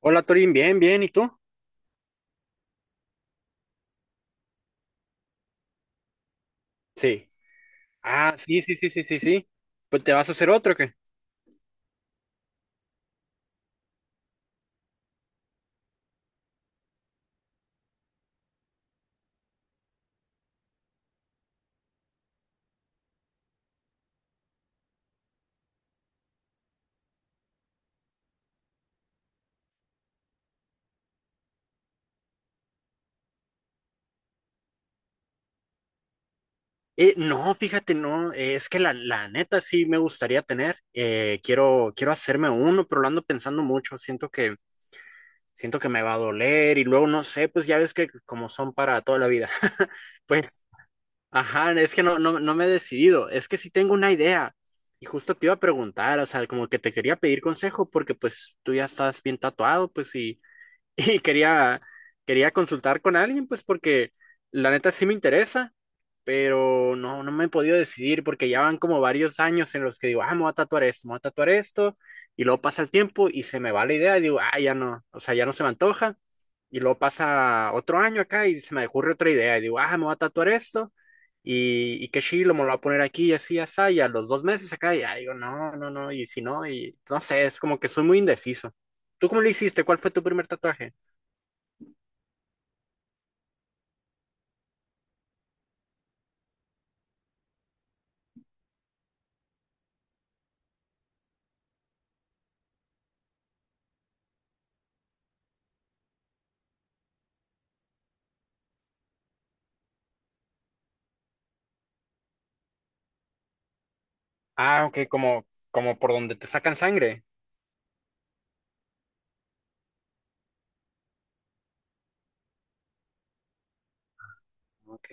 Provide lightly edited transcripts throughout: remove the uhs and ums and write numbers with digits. Hola Torín, bien, bien, ¿y tú? Sí. Ah, sí, sí, sí, sí, sí, sí. Pues te vas a hacer otro, ¿o qué? No, fíjate, no, es que la neta sí me gustaría tener. Quiero hacerme uno, pero lo ando pensando mucho. Siento que me va a doler y luego no sé, pues ya ves que como son para toda la vida. Pues, ajá, es que no, no, no me he decidido. Es que sí tengo una idea. Y justo te iba a preguntar, o sea, como que te quería pedir consejo porque pues tú ya estás bien tatuado, pues y quería, quería consultar con alguien, pues porque la neta sí me interesa, pero no, no me he podido decidir porque ya van como varios años en los que digo, ah, me voy a tatuar esto, me voy a tatuar esto, y luego pasa el tiempo y se me va la idea y digo, ah, ya no, o sea, ya no se me antoja, y luego pasa otro año acá y se me ocurre otra idea y digo, ah, me voy a tatuar esto. Y qué chilo, me lo voy a poner aquí y así, y así, y a los 2 meses acá, y ya digo, no, no, no, y si no, y no sé, es como que soy muy indeciso. ¿Tú cómo le hiciste? ¿Cuál fue tu primer tatuaje? Ah, ok, como por donde te sacan sangre. Ok.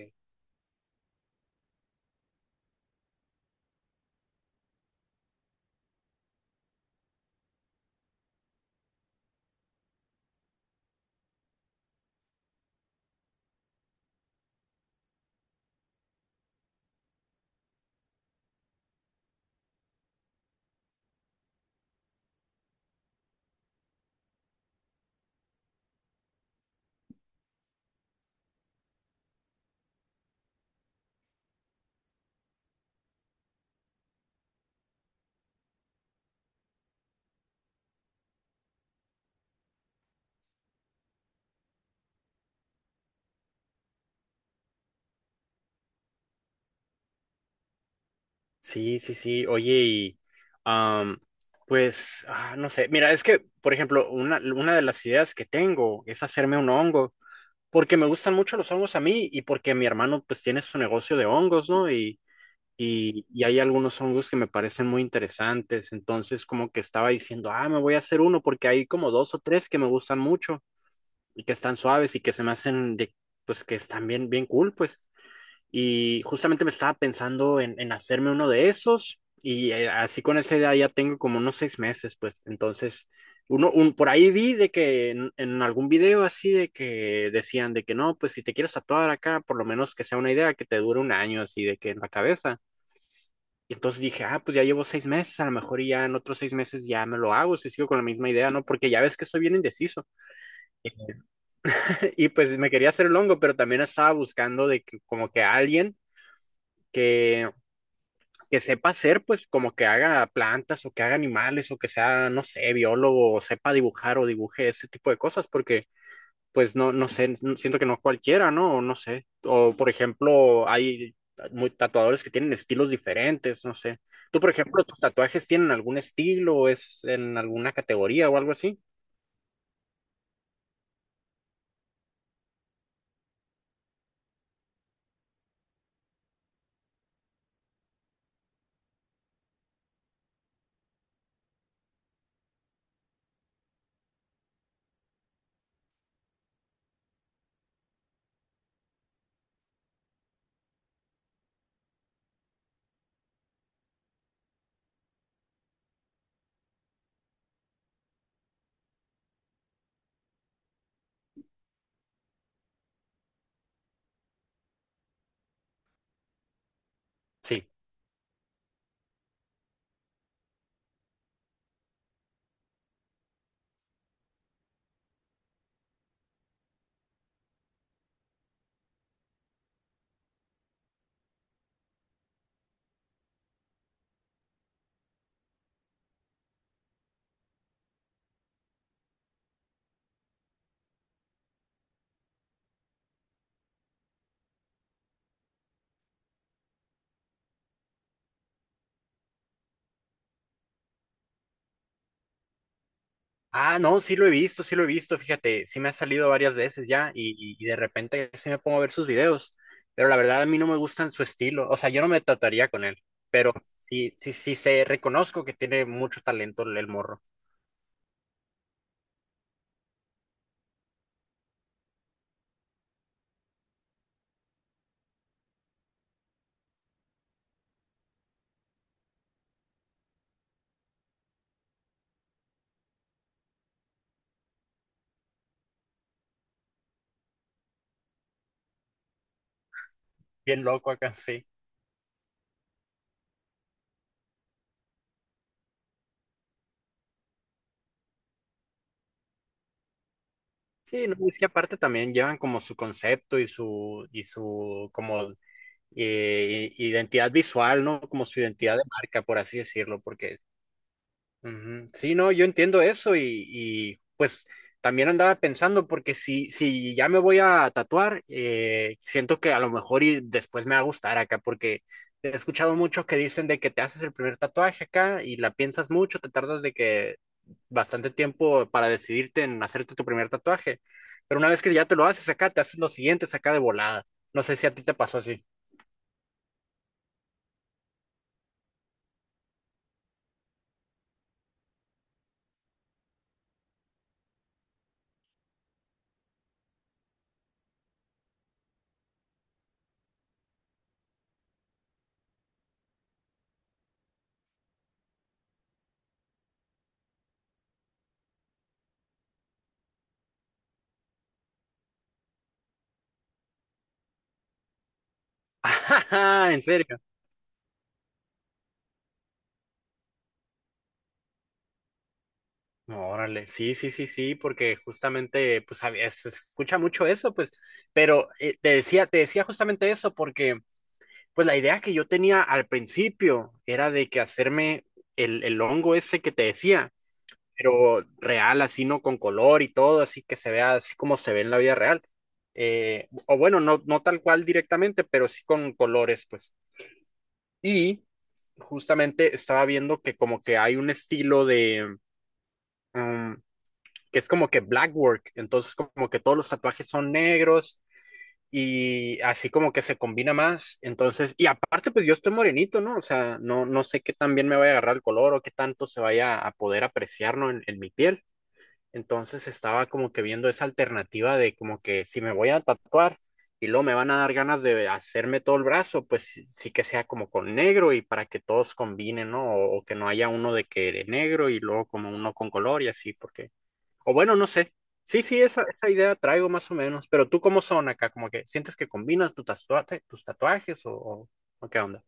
Sí, sí, sí. Oye, y am, pues, no sé. Mira, es que, por ejemplo, una de las ideas que tengo es hacerme un hongo, porque me gustan mucho los hongos a mí y porque mi hermano, pues, tiene su negocio de hongos, ¿no? Y hay algunos hongos que me parecen muy interesantes. Entonces, como que estaba diciendo, ah, me voy a hacer uno porque hay como dos o tres que me gustan mucho y que están suaves y que se me hacen de, pues, que están bien, bien cool, pues. Y justamente me estaba pensando en hacerme uno de esos y así con esa idea ya tengo como unos 6 meses, pues entonces, por ahí vi de que en algún video así de que decían de que no, pues si te quieres tatuar acá, por lo menos que sea una idea que te dure un año así de que en la cabeza. Y entonces dije, ah, pues ya llevo 6 meses, a lo mejor y ya en otros 6 meses ya me lo hago, si sigo con la misma idea, ¿no? Porque ya ves que soy bien indeciso. Y pues me quería hacer el hongo, pero también estaba buscando de que como que alguien que que sepa hacer, pues como que haga plantas o que haga animales o que sea, no sé, biólogo o sepa dibujar o dibuje ese tipo de cosas, porque pues no, no sé, siento que no cualquiera, ¿no? No sé. O por ejemplo, hay muy tatuadores que tienen estilos diferentes, no sé. ¿Tú, por ejemplo, tus tatuajes tienen algún estilo o es en alguna categoría o algo así? Sí. Ah, no, sí lo he visto, sí lo he visto, fíjate, sí me ha salido varias veces ya y de repente sí me pongo a ver sus videos, pero la verdad a mí no me gustan su estilo, o sea, yo no me trataría con él, pero sí, sí, sí, sé, reconozco que tiene mucho talento el morro, bien loco acá, sí. Sí, no, es que aparte también llevan como su concepto y su como identidad visual, ¿no? Como su identidad de marca, por así decirlo, porque. Ujú. Sí, no, yo entiendo eso pues también andaba pensando porque si ya me voy a tatuar, siento que a lo mejor y después me va a gustar acá porque he escuchado muchos que dicen de que te haces el primer tatuaje acá y la piensas mucho, te tardas de que bastante tiempo para decidirte en hacerte tu primer tatuaje, pero una vez que ya te lo haces acá, te haces los siguientes acá de volada. No sé si a ti te pasó así. Ajá, ¿en serio? No, órale, sí, sí, sí, sí, porque justamente, pues, a veces se escucha mucho eso, pues, pero te decía justamente eso, porque, pues, la idea que yo tenía al principio era de que hacerme el hongo ese que te decía, pero real, así, ¿no? Con color y todo, así que se vea así como se ve en la vida real. O bueno, no, no tal cual directamente, pero sí con colores, pues. Y justamente estaba viendo que como que hay un estilo de... mm, que es como que black work, entonces como que todos los tatuajes son negros y así como que se combina más, entonces, y aparte pues yo estoy morenito, ¿no? O sea, no, no sé qué tan bien me vaya a agarrar el color o qué tanto se vaya a poder apreciar, ¿no? En mi piel. Entonces estaba como que viendo esa alternativa de como que si me voy a tatuar y luego me van a dar ganas de hacerme todo el brazo, pues sí que sea como con negro y para que todos combinen, ¿no? O que no haya uno de que de negro y luego como uno con color y así, porque o bueno, no sé. Sí, sí, esa idea traigo más o menos. Pero tú, ¿cómo son acá? ¿Como que sientes que combinas tu tatuaje, tus tatuajes o qué onda?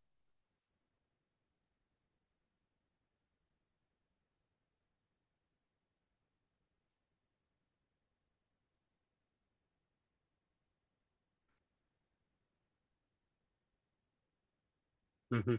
Ujú.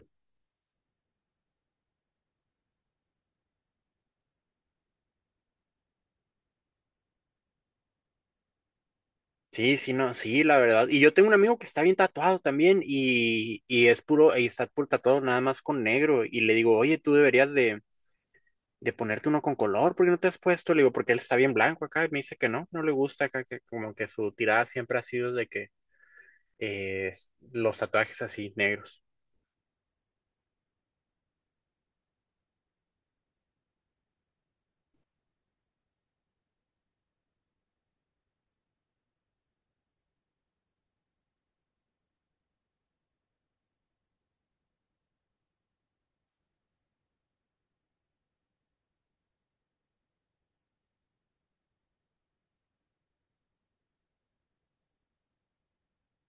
Sí, sí, no, sí, la verdad. Y yo tengo un amigo que está bien tatuado también y es puro, y está puro tatuado nada más con negro. Y le digo, oye, tú deberías de ponerte uno con color, ¿por qué no te has puesto? Le digo, porque él está bien blanco acá. Y me dice que no, no le gusta acá, que como que su tirada siempre ha sido de que eh, los tatuajes así negros.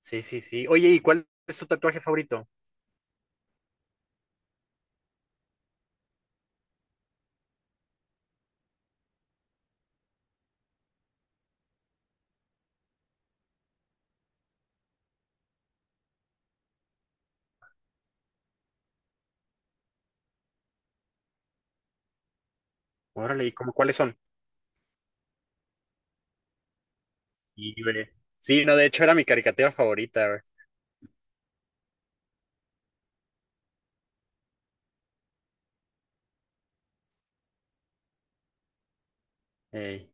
Sí, sí, sí. Oye, ¿y cuál es tu tatuaje favorito? Órale, ¿y cómo cuáles son? Y, güey, sí, no, de hecho era mi caricatura favorita, güey. Ey,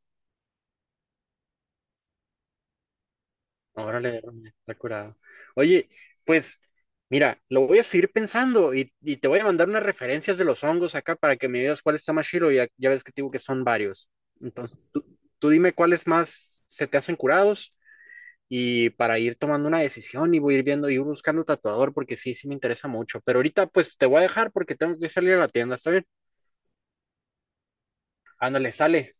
órale, órale, está curado. Oye, pues, mira, lo voy a seguir pensando y te voy a mandar unas referencias de los hongos acá para que me digas cuál está más chido. Ya ves que te digo que son varios. Entonces, tú dime cuáles más se te hacen curados y para ir tomando una decisión y voy a ir viendo, y ir buscando tatuador porque sí, sí me interesa mucho. Pero ahorita, pues, te voy a dejar porque tengo que salir a la tienda, ¿está bien? Ándale, sale.